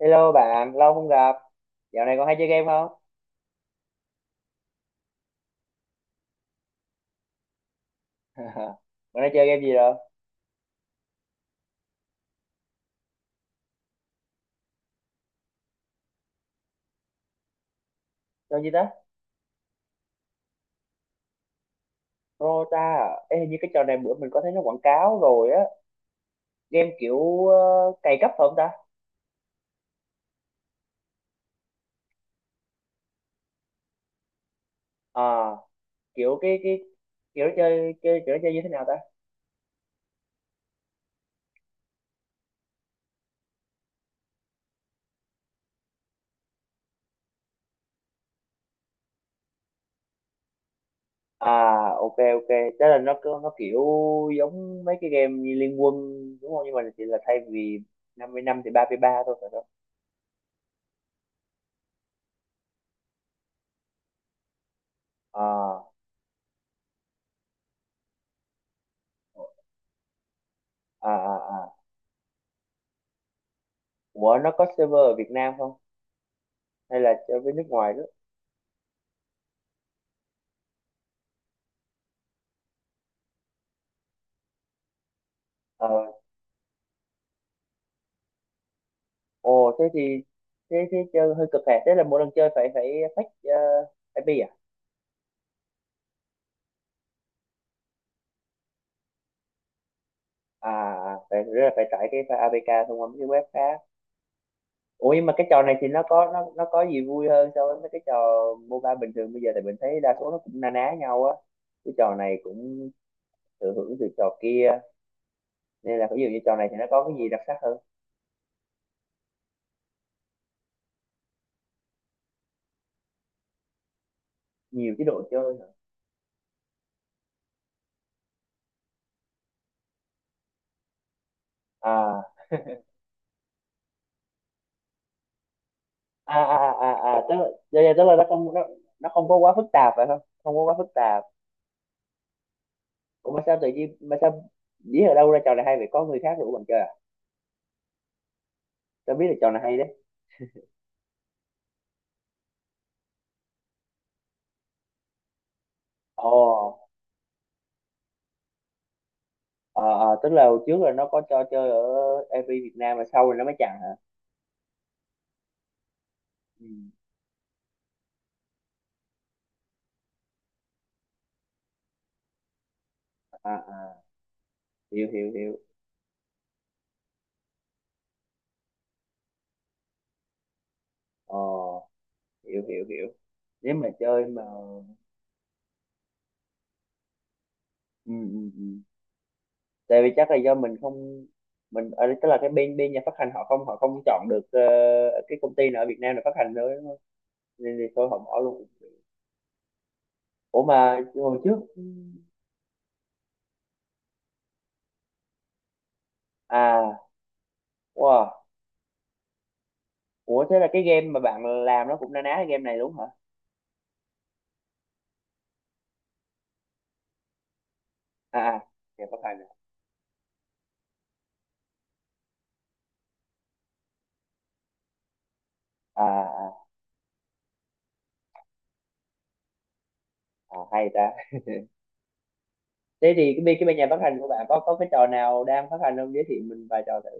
Hello bạn, lâu không gặp. Dạo này còn hay chơi game không? Bạn đang chơi game gì rồi? Chơi gì ta? Dota à? Ê, hình như cái trò này bữa mình có thấy nó quảng cáo rồi á. Game kiểu cày cấp phải không ta? À, kiểu cái kiểu nó chơi chơi kiểu nó chơi như thế nào ta? À, ok ok. Tức là nó kiểu giống mấy cái game như Liên Quân đúng không? Nhưng mà chỉ là thay vì 50 năm thì 33 thôi phải không? À, à à à. Ủa nó có server ở Việt Nam không? Hay là chơi với nước ngoài đó? Ồ thế thì thế thế chơi hơi cực hẹp, thế là mỗi lần chơi phải phải fetch IP À à à, phải rất là phải tải cái file APK thông qua mấy cái web khác. Ủa nhưng mà cái trò này thì nó có gì vui hơn so với mấy cái trò MOBA bình thường bây giờ, tại mình thấy đa số nó cũng na ná nhau á, cái trò này cũng thừa hưởng từ trò kia, nên là ví dụ như trò này thì nó có cái gì đặc sắc hơn? Nhiều chế độ chơi hả? À à à à à à, tức là nó không có quá phức tạp phải không, không có quá phức tạp. Ủa mà sao tự nhiên, mà sao biết ở đâu ra trò này hay vậy, có người khác rủ bạn chơi à, tao biết là trò này hay đấy? Ồ, ờ ờ, tức là hồi trước là nó có cho chơi ở MV Việt Nam mà sau rồi nó mới chặn hả? Ừ. À à, hiểu hiểu hiểu. Ờ, hiểu hiểu hiểu. Nếu mà chơi mà ừ, ừ, ừ, tại vì chắc là do mình không, mình ở đây- tức là cái bên bên nhà phát hành họ không chọn được cái công ty nào ở Việt Nam để phát hành nữa đúng không? Nên thì thôi họ bỏ luôn. Ủa mà hồi trước, à, wow, ủa thế là cái game mà bạn làm nó cũng na ná cái game này đúng hả? À à, game phát hành à, à, à, à, hay ta. Thế thì cái bên nhà phát hành của bạn có cái trò nào đang phát hành không, giới thiệu mình vài trò thử?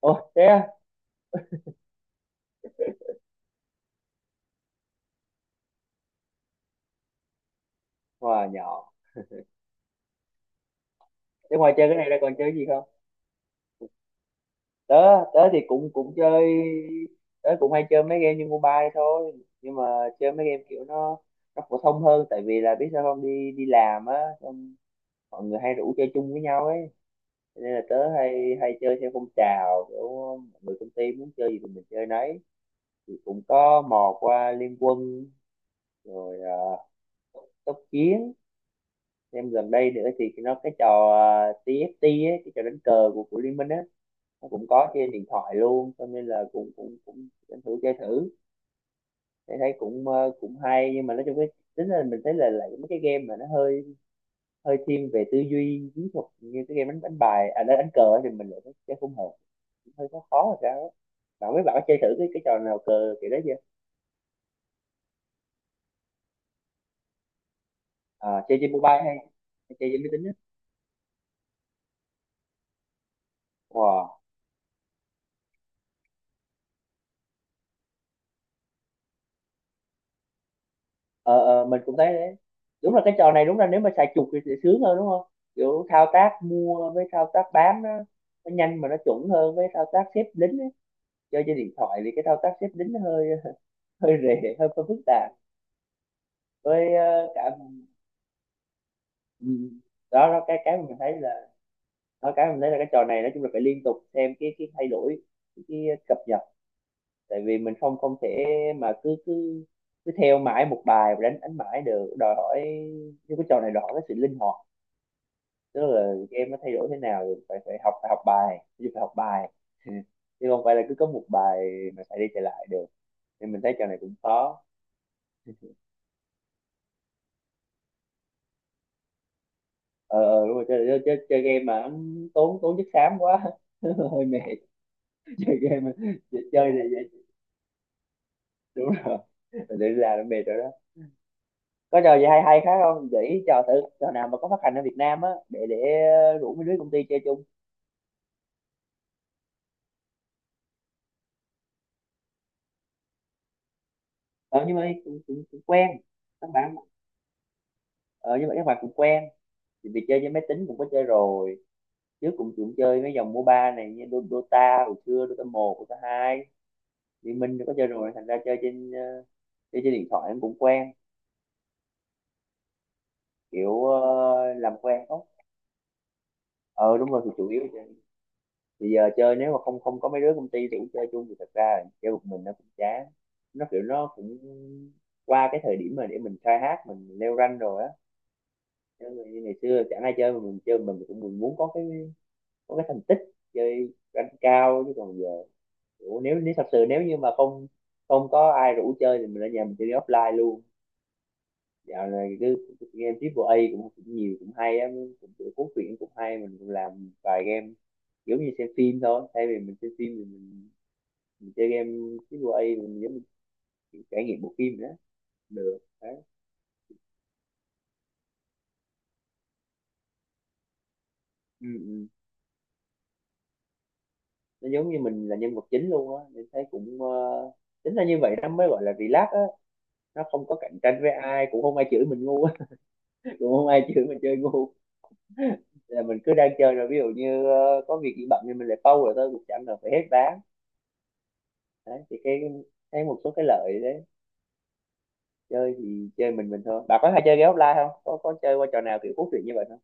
Ồ thế à? Wow, nhỏ. Thế ngoài chơi cái này ra còn chơi gì không? Tớ, tớ thì cũng cũng chơi, tớ cũng hay chơi mấy game như mobile thôi, nhưng mà chơi mấy game kiểu nó phổ thông hơn tại vì là biết sao không, đi đi làm á, xong mọi người hay rủ chơi chung với nhau ấy. Cho nên là tớ hay hay chơi theo phong trào, kiểu mọi người công ty muốn chơi gì thì mình chơi nấy. Thì cũng có mò qua Liên Quân rồi uh, tốc chiến. Em gần đây nữa thì nó cái trò TFT ấy, cái trò đánh cờ của Liên Minh á, nó cũng có trên điện thoại luôn, cho nên là cũng cũng cũng tranh thử chơi thử, thấy thấy cũng cũng hay. Nhưng mà nói chung cái tính là mình thấy là lại mấy cái game mà nó hơi hơi thiên về tư duy chiến thuật, như cái game đánh đánh bài à, đánh, đánh cờ ấy, thì mình lại thấy thấy không hợp, hơi khó khó rồi sao á. Bạn biết, bạn có chơi thử cái trò nào cờ kiểu đấy chưa? À, chơi trên mobile hay chơi trên máy tính á? Wow. Ờ ờ, mình cũng thấy đấy, đúng là cái trò này đúng là nếu mà xài chuột thì sẽ sướng hơn đúng không, kiểu thao tác mua với thao tác bán nó nhanh mà nó chuẩn hơn, với thao tác xếp lính á. Chơi trên điện thoại thì cái thao tác xếp lính nó hơi hơi rề, hơi phức tạp. Với cả ừ, đó, đó cái mà mình thấy là đó, cái mình thấy là cái trò này nói chung là phải liên tục xem cái thay đổi, cái cập nhật, tại vì mình không không thể mà cứ cứ cứ theo mãi một bài và đánh đánh mãi được, đòi hỏi, như cái trò này đòi hỏi cái sự linh hoạt, tức là game nó thay đổi thế nào thì phải phải học, phải học bài chứ, phải học bài, chứ không phải là cứ có một bài mà chạy đi chạy lại được. Nên mình thấy trò này cũng khó. Ờ ờ, đúng rồi, chơi, chơi, chơi, chơi game mà tốn tốn chất xám quá, hơi mệt. Chơi game mà chơi, chơi thì vậy, đúng rồi, mình tự ra nó mệt rồi đó. Có trò gì hay hay khác không, gợi ý trò thử, trò nào mà có phát hành ở Việt Nam á để rủ mấy đứa công ty chơi chung. Ờ, nhưng mà cũng, cũng, cũng quen. Các bạn ờ, nhưng mà các bạn cũng quen, thì vì chơi với máy tính cũng có chơi rồi, trước cũng cũng chơi mấy dòng MOBA này, như Dota hồi xưa, Dota 1, Dota 2, Liên Minh cũng có chơi rồi, thành ra chơi trên chơi trên điện thoại em cũng quen, kiểu làm quen không. Ờ đúng rồi thì chủ yếu, thì giờ chơi nếu mà không không có mấy đứa công ty thì cũng chơi chung, thì thật ra là chơi một mình nó cũng chán, nó kiểu nó cũng qua cái thời điểm mà để mình khai hát mình leo rank rồi á. Chứ như ngày xưa chẳng ai chơi mà mình chơi, mình cũng mình muốn có cái, có cái thành tích chơi rank cao, chứ còn giờ, ủa, nếu nếu thật sự nếu như mà không không có ai rủ chơi thì mình ở nhà mình chơi offline luôn. Dạo này cứ cứ game triple A cũng, cũng nhiều cũng hay á, cũng cũng cuốn truyện cũng hay, mình cũng làm vài game, giống như xem phim thôi, thay vì mình xem phim thì mình chơi game, cái quay mình giống như trải nghiệm bộ phim vậy đó, được đấy. Ừ, ừ. Nó giống như mình là nhân vật chính luôn á, mình thấy cũng tính ra như vậy nó mới gọi là relax á, nó không có cạnh tranh với ai, cũng không ai chửi mình ngu á, cũng không ai chửi mình chơi ngu, là mình cứ đang chơi rồi ví dụ như có việc gì bận thì mình lại pause rồi thôi, cũng chẳng cần phải hết ván. Đấy thì cái thấy một số cái lợi đấy. Chơi thì chơi mình thôi. Bà có hay chơi game offline không, có có chơi qua trò nào kiểu cốt truyện như vậy không?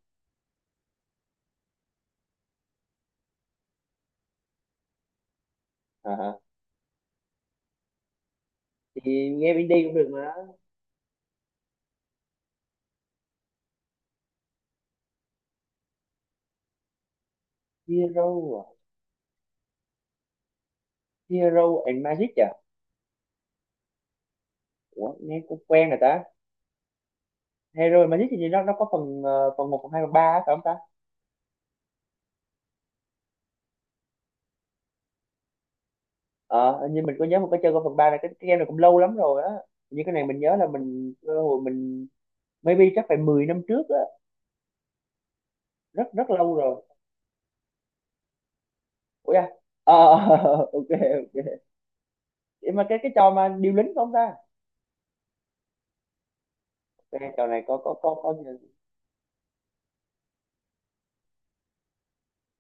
À, hả. Thì game indie cũng được mà. Hero, Hero and Magic à? Ủa, nghe cũng quen rồi ta. Hero and Magic thì như nó có phần phần 1, phần 2, phần 3 á, phải không ta? Ờ hình như mình có nhớ mình có chơi qua phần 3 này, cái game này cũng lâu lắm rồi á, như cái này mình nhớ là mình cơ hội mình maybe chắc phải 10 năm trước á, rất rất lâu rồi. Ủa, à, ờ, ok ok. Nhưng mà cái trò mà điều lính phải không ta? Cái trò này có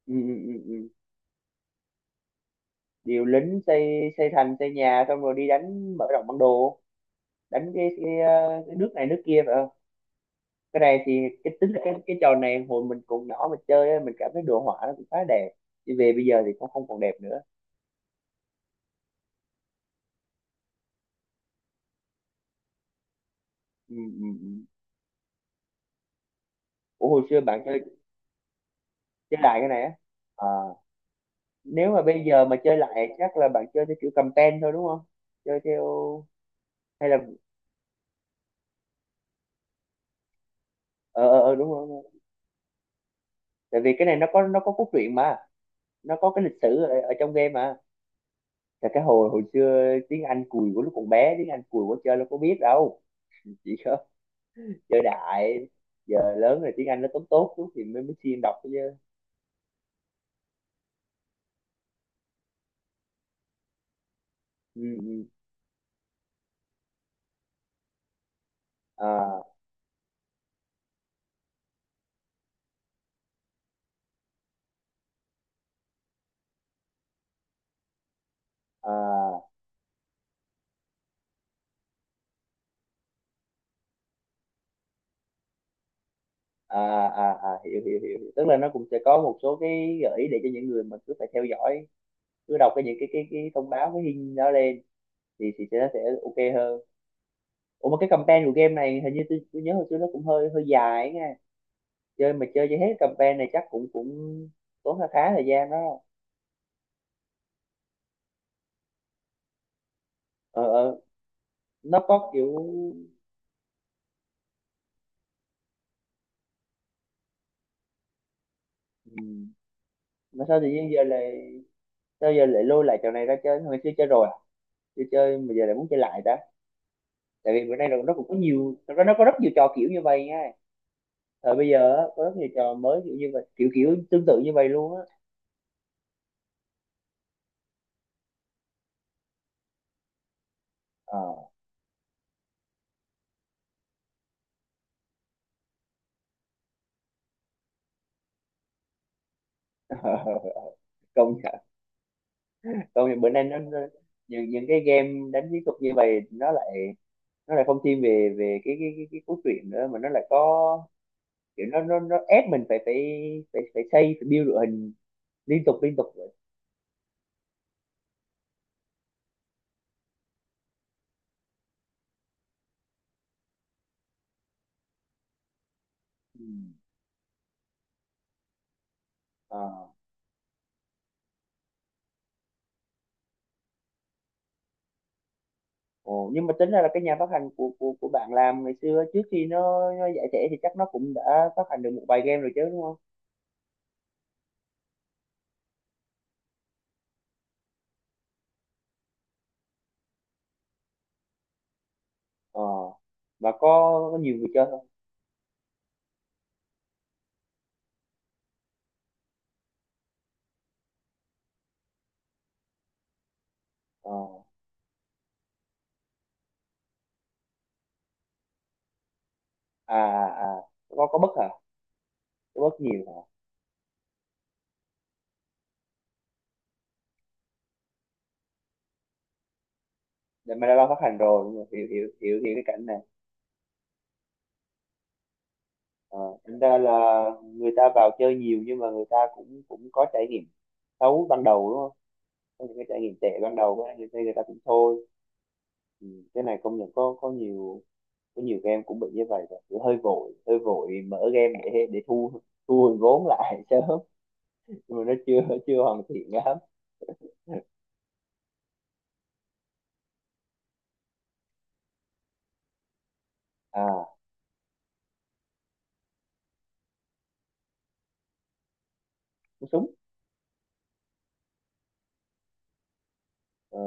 ừ, ừ, ừ, ừ. Điều lính, xây xây thành, xây nhà, xong rồi đi đánh, mở rộng bản đồ, đánh cái, ờ, cái nước này nước kia. Cái này thì cái tính là cái trò này hồi mình còn nhỏ mà chơi á, mình cảm thấy đồ họa nó cũng khá đẹp, đi về bây giờ thì cũng không còn đẹp nữa. Ừ, ừ, ừ. Ủa hồi xưa bạn chơi, chơi lại cái này á? À, nếu mà bây giờ mà chơi lại chắc là bạn chơi theo kiểu cầm ten thôi đúng không, chơi theo hay là ờ ờ ờ, đúng không? Tại vì cái này nó có, nó có cốt truyện mà, nó có cái lịch sử ở, ở trong game mà, là cái hồi hồi xưa tiếng Anh cùi của lúc còn bé tiếng Anh cùi của chơi nó có biết đâu, chỉ giờ đại, giờ lớn rồi tiếng Anh nó tốt tốt chút thì mới mới siêng đọc chứ. Ừ, ừ. à, à, à, hiểu, hiểu hiểu hiểu tức là nó cũng sẽ có một số cái gợi ý để cho những người mà cứ phải theo dõi, cứ đọc những cái thông báo cái hình đó lên thì sẽ nó sẽ ok hơn. Ủa mà cái campaign của game này hình như tôi nhớ hồi xưa nó cũng hơi hơi dài ấy nha. Chơi mà chơi cho hết campaign này chắc cũng cũng tốn khá khá thời gian đó. Ờ. Nó có kiểu ừ, mà sao tự nhiên giờ lại, sao giờ lại lôi lại trò này ra chơi, hồi xưa chơi rồi à? Chưa chơi mà giờ lại muốn chơi lại ta? Tại vì bữa nay nó cũng có nhiều, thật ra nó có rất nhiều trò kiểu như vậy nha. Thời bây giờ á, có rất nhiều trò mới kiểu như vậy, kiểu kiểu tương tự như vậy luôn á. Ờ. Công nhận. Công nhận bữa nay nó, những cái game đánh chiến thuật như vậy nó lại, nó lại không thiên về về cái cốt truyện nữa mà nó lại có kiểu, nó ép mình phải phải phải phải xây, phải build đội hình liên tục vậy. Ừ. Ờ. Ồ, nhưng mà tính ra là cái nhà phát hành của bạn làm ngày xưa trước khi nó giải thể thì chắc nó cũng đã phát hành được một vài game rồi chứ đúng không? Ờ. Và có nhiều người chơi không? Ờ. À à. Có bất hả? Có bất nhiều hả? Để mà đã lo phát hành rồi, đúng rồi. Hiểu hiểu hiểu hiểu cái cảnh này. Ờ. Thành ra là người ta vào chơi nhiều nhưng mà người ta cũng cũng có trải nghiệm xấu ban đầu đúng không? Có những cái trải nghiệm tệ ban đầu á, người ta cũng thôi. Ừ, cái này công nhận có nhiều game cũng bị như vậy rồi. Kiểu hơi vội mở game để thu, thu hồi vốn lại sớm nhưng mà nó chưa chưa hoàn thiện lắm. À cú súng. Ờ.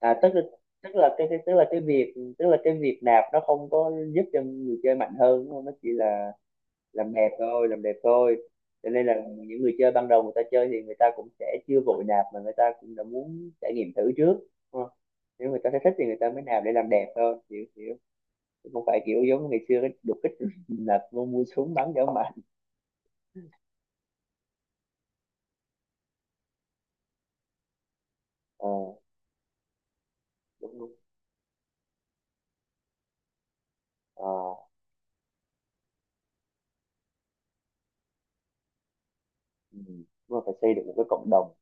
À tức là, tức là cái- tức là cái việc tức là cái việc nạp nó không có giúp cho người chơi mạnh hơn đúng không, nó chỉ là làm đẹp thôi, làm đẹp thôi. Cho nên là những người chơi ban đầu người ta chơi thì người ta cũng sẽ chưa vội nạp mà người ta cũng đã muốn trải nghiệm thử trước đúng không? Nếu người ta thấy thích thì người ta mới nạp để làm đẹp thôi. Hiểu hiểu không phải kiểu giống ngày xưa cái đột kích là mua súng bắn dã mà. Ờ, đúng đúng Ờ, ừ. Nhưng mà phải xây được một cái cộng đồng.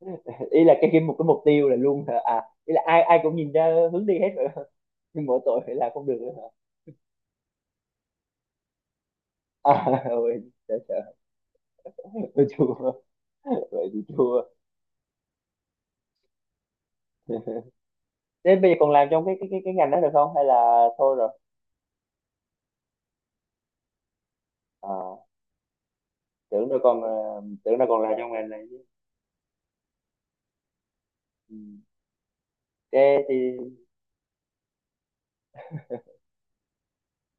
Ý là cái một cái mục tiêu là luôn hả? À ý là ai ai cũng nhìn ra hướng đi hết rồi. Nhưng mỗi tội phải là không được nữa hả? À, ôi sợ sợ Tôi chua, vậy thì chua. Thế bây giờ còn làm trong cái ngành đó được không hay là thôi rồi? À, tưởng đâu còn, ờ, tưởng là còn làm trong ngành này. Ừ. Thế thì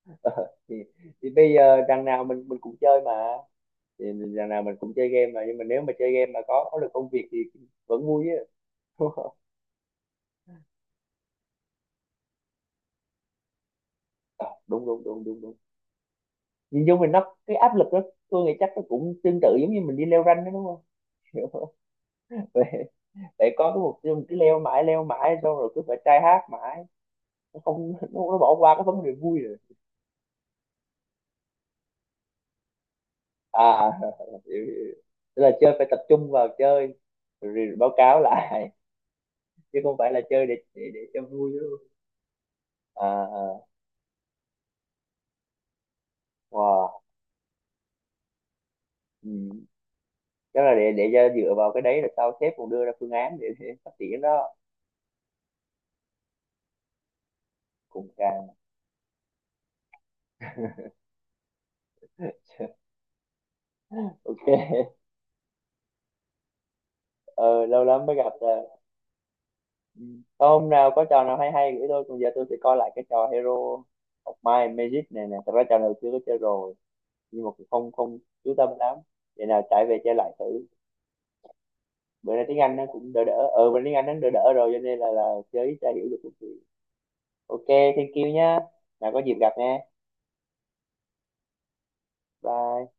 ờ, thì bây giờ đằng nào mình cũng chơi mà, thì đằng nào mình cũng chơi game mà, nhưng mà nếu mà chơi game mà có được công việc thì vẫn vui á. Đúng. Ờ, đúng đúng đúng đúng đúng Nhìn chung mình nó cái áp lực đó, tôi nghĩ chắc nó cũng tương tự giống như mình đi leo ranh đó đúng không? Vậy, vậy có cái mục tiêu mình cứ leo mãi xong rồi cứ phải try hard mãi, nó không nó, nó bỏ qua cái vấn đề vui rồi. À hiểu. Tức là chơi phải tập trung vào chơi rồi báo cáo lại chứ không phải là chơi để để cho vui nữa. à, à, wow. Ừ. Chắc là để cho dựa vào cái đấy là sau sếp còn đưa ra phương án để phát triển đó. Cũng càng ok. Ờ, lâu lắm mới gặp rồi. Ừ. Có hôm nào có trò nào hay hay gửi tôi, còn giờ tôi sẽ coi lại cái trò Hero of Might and Magic này nè. Thật ra trò này chưa có chơi rồi nhưng mà cũng không không chú tâm lắm. Để nào trải về chơi lại thử. Bữa nay tiếng Anh nó cũng đỡ đỡ, ờ bữa nay tiếng Anh nó đỡ đỡ rồi cho nên là chơi ít ra hiểu được một chút. Ok, thank you nhá, nào có dịp gặp nha. Bye.